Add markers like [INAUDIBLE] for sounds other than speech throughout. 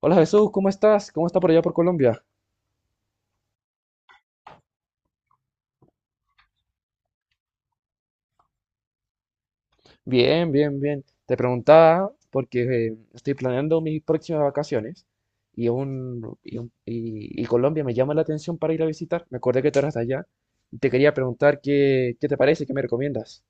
Hola Jesús, ¿cómo estás? ¿Cómo está por allá por Colombia? Bien, bien, bien. Te preguntaba porque estoy planeando mis próximas vacaciones y Colombia me llama la atención para ir a visitar. Me acordé que tú eras de allá. Y te quería preguntar qué, te parece, qué me recomiendas.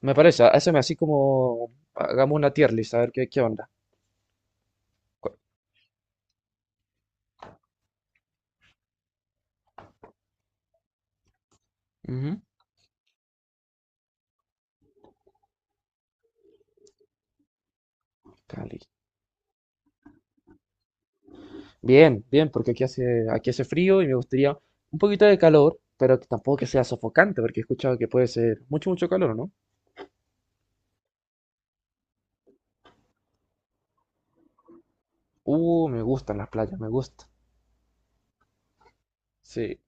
Me parece, hazme así como hagamos una tier list, a ver qué onda. Cu- Ujú, Cali. Bien, bien, porque aquí hace frío y me gustaría un poquito de calor, pero que tampoco que sea sofocante, porque he escuchado que puede ser mucho, mucho calor, ¿no? Me gustan las playas, me gusta. Sí.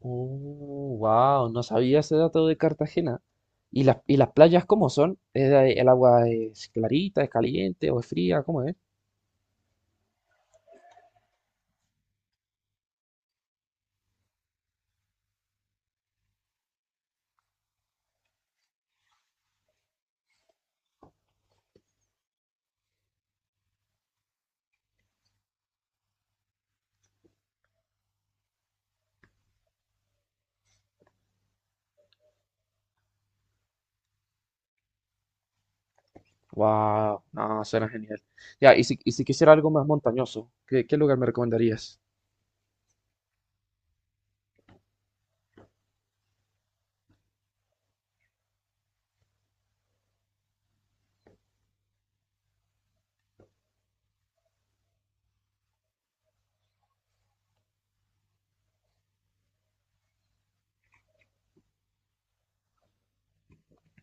Wow, no sabía ese dato de Cartagena. ¿Y las playas cómo son? ¿El agua es clarita, es caliente o es fría? ¿Cómo es? Wow, no, suena genial. Ya, y si quisiera algo más montañoso, ¿qué lugar me recomendarías?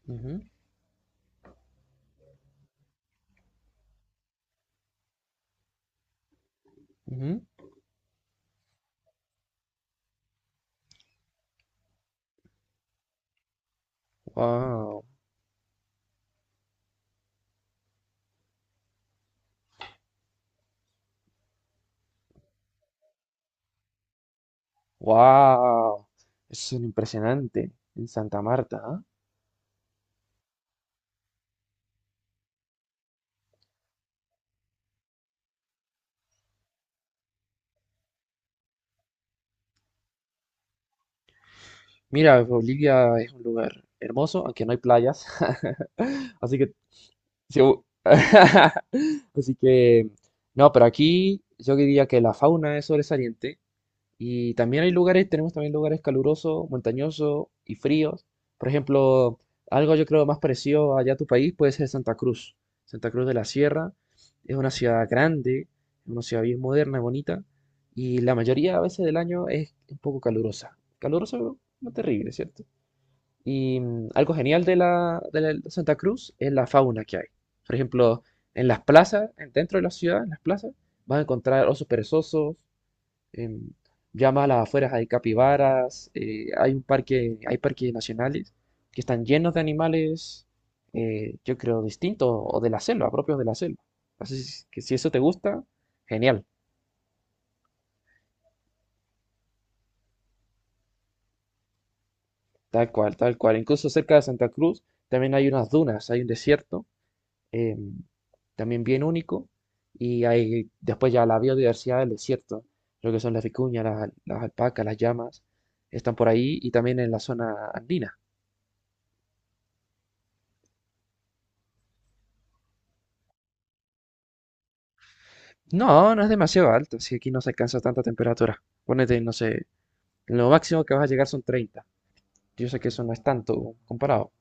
Ujú, ujú. Wow, wow, eso es impresionante en Santa Marta, ¿ah? Mira, Bolivia es un lugar hermoso, aunque no hay playas, [LAUGHS] así que Sí, [LAUGHS] así que, no, pero aquí yo diría que la fauna es sobresaliente y también hay lugares, tenemos también lugares calurosos, montañosos y fríos. Por ejemplo, algo yo creo más parecido allá a tu país puede ser Santa Cruz. Santa Cruz de la Sierra es una ciudad grande, es una ciudad bien moderna, bonita y la mayoría a veces del año es un poco calurosa. Calurosa, pero no terrible, ¿cierto? Y algo genial de la, de Santa Cruz es la fauna que hay. Por ejemplo, en las plazas, dentro de la ciudad, en las plazas, vas a encontrar osos perezosos, em, ya más a las afueras hay capibaras, hay un parque, hay parques nacionales que están llenos de animales, yo creo, distintos o de la selva, propios de la selva. Así es que si eso te gusta, genial, tal cual, tal cual. Incluso cerca de Santa Cruz también hay unas dunas, hay un desierto eh, también bien único. Y hay después ya la biodiversidad del desierto, lo que son las vicuñas, las alpacas, las llamas, están por ahí y también en la zona andina. No, no es demasiado alto, si aquí no se alcanza tanta temperatura. Ponete, no sé, lo máximo que vas a llegar son 30. Yo sé que eso no es tanto comparado.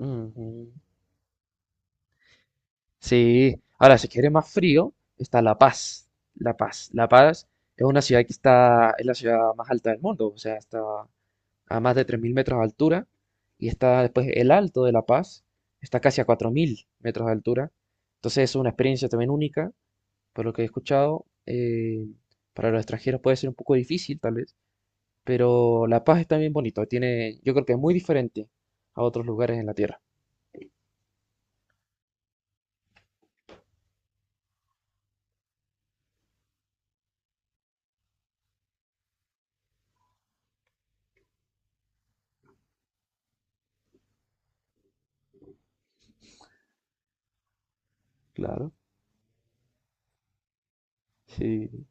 Ujú. Sí, ahora si quieres más frío, está La Paz. La Paz. La Paz es una ciudad que está, es la ciudad más alta del mundo, o sea, está a más de 3.000 metros de altura, y está después el Alto de La Paz, está casi a 4.000 metros de altura. Entonces es una experiencia también única, por lo que he escuchado. Para los extranjeros puede ser un poco difícil, tal vez, pero La Paz es también bonito, tiene, yo creo que es muy diferente a otros lugares en la Tierra. Claro, sí,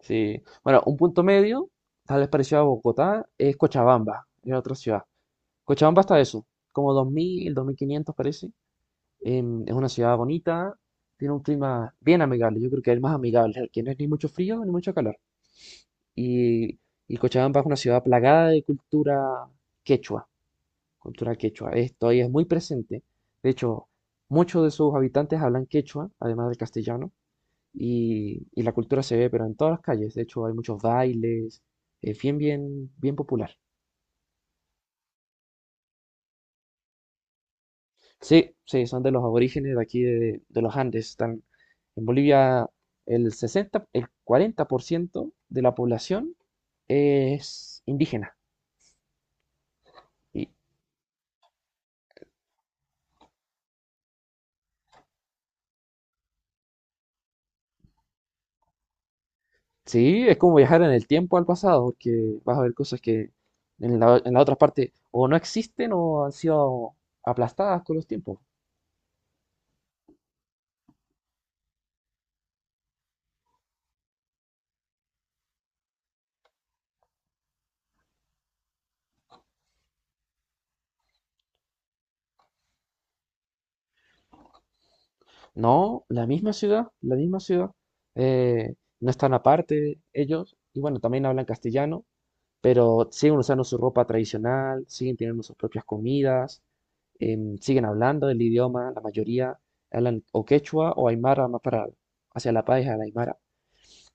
sí. Bueno, un punto medio, tal vez parecido a Bogotá, es Cochabamba, es otra ciudad. Cochabamba está eso, como dos mil quinientos parece. Es una ciudad bonita, tiene un clima bien amigable, yo creo que es el más amigable, el que no es ni mucho frío ni mucho calor. Y, y Cochabamba es una ciudad plagada de cultura quechua, cultura quechua. Esto ahí es muy presente. De hecho, muchos de sus habitantes hablan quechua, además del castellano, y la cultura se ve, pero en todas las calles. De hecho, hay muchos bailes, es bien, bien, bien popular. Sí, sí, son de los aborígenes de aquí de los Andes. Están en Bolivia el 60, el 40% de la población es indígena. Y sí, es como viajar en el tiempo al pasado, porque vas a ver cosas que en la otra parte o no existen o han sido aplastadas con los tiempos. No, la misma ciudad, no están aparte ellos, y bueno, también hablan castellano. Pero siguen usando su ropa tradicional, siguen teniendo sus propias comidas, siguen hablando el idioma, la mayoría hablan o quechua o aymara más para hacia la pareja la aymara.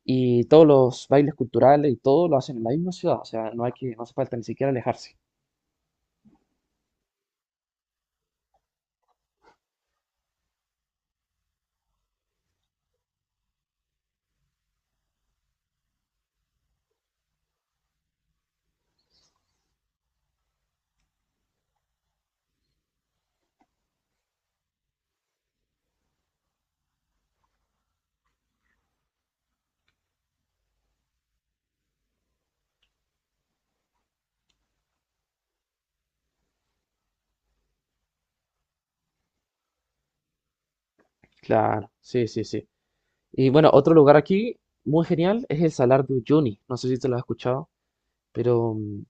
Y todos los bailes culturales y todo lo hacen en la misma ciudad, o sea, no hay que, no hace falta ni siquiera alejarse. Claro, sí, sí, sí. Y bueno, otro lugar aquí muy genial es el Salar de Uyuni, no sé si te lo has escuchado, pero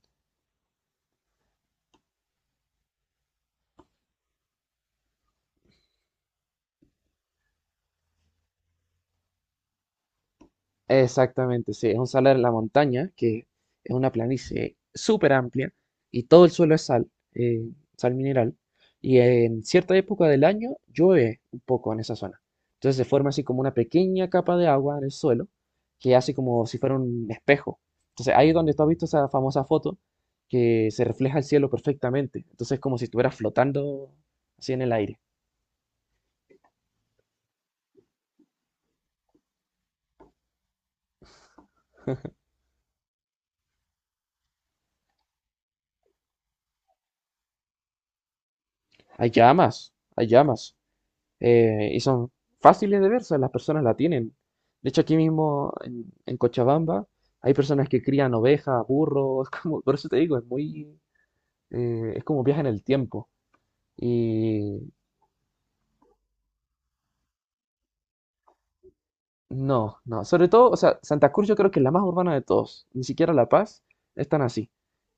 exactamente, sí, es un salar en la montaña, que es una planicie súper amplia y todo el suelo es sal, sal mineral. Y en cierta época del año llueve un poco en esa zona. Entonces se forma así como una pequeña capa de agua en el suelo que hace como si fuera un espejo. Entonces ahí es donde tú has visto esa famosa foto que se refleja el cielo perfectamente. Entonces es como si estuvieras flotando así en el aire. Hay llamas, hay llamas. Y son fáciles de ver, o sea, las personas la tienen. De hecho, aquí mismo en Cochabamba hay personas que crían ovejas, burros, [LAUGHS] es como, por eso te digo, es muy, es como viaje en el tiempo. Y no, no, sobre todo, o sea, Santa Cruz yo creo que es la más urbana de todos, ni siquiera La Paz es tan así.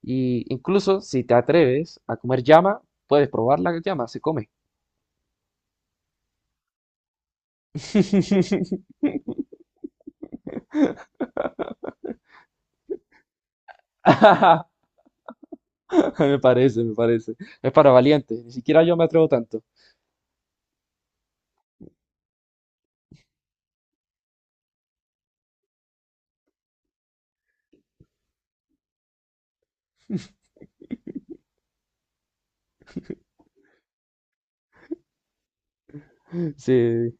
Y incluso si te atreves a comer llama, puedes probar la llama, se come. [LAUGHS] [LAUGHS] Me parece, me parece. Es para valientes, ni siquiera yo me atrevo tanto. Sí.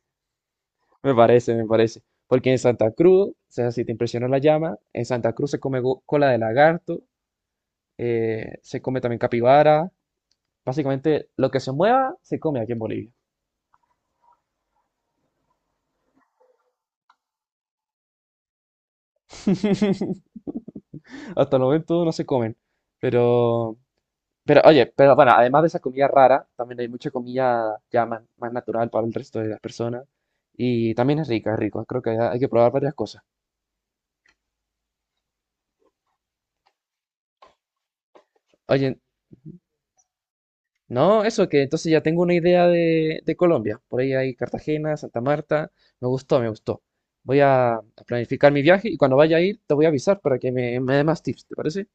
Me parece, me parece. Porque en Santa Cruz, o sea, si te impresiona la llama, en Santa Cruz se come cola de lagarto, se come también capibara. Básicamente, lo que se mueva, se come aquí en Bolivia. [LAUGHS] Hasta el momento no se comen. Pero, pero, oye, pero bueno, además de esa comida rara, también hay mucha comida ya más, más natural para el resto de las personas. Y también es rica, es rico. Creo que hay que probar varias cosas. Oye, no, eso que entonces ya tengo una idea de Colombia. Por ahí hay Cartagena, Santa Marta. Me gustó, me gustó. Voy a planificar mi viaje y cuando vaya a ir te voy a avisar para que me dé más tips, ¿te parece?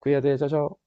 Cuídate, chao, chao.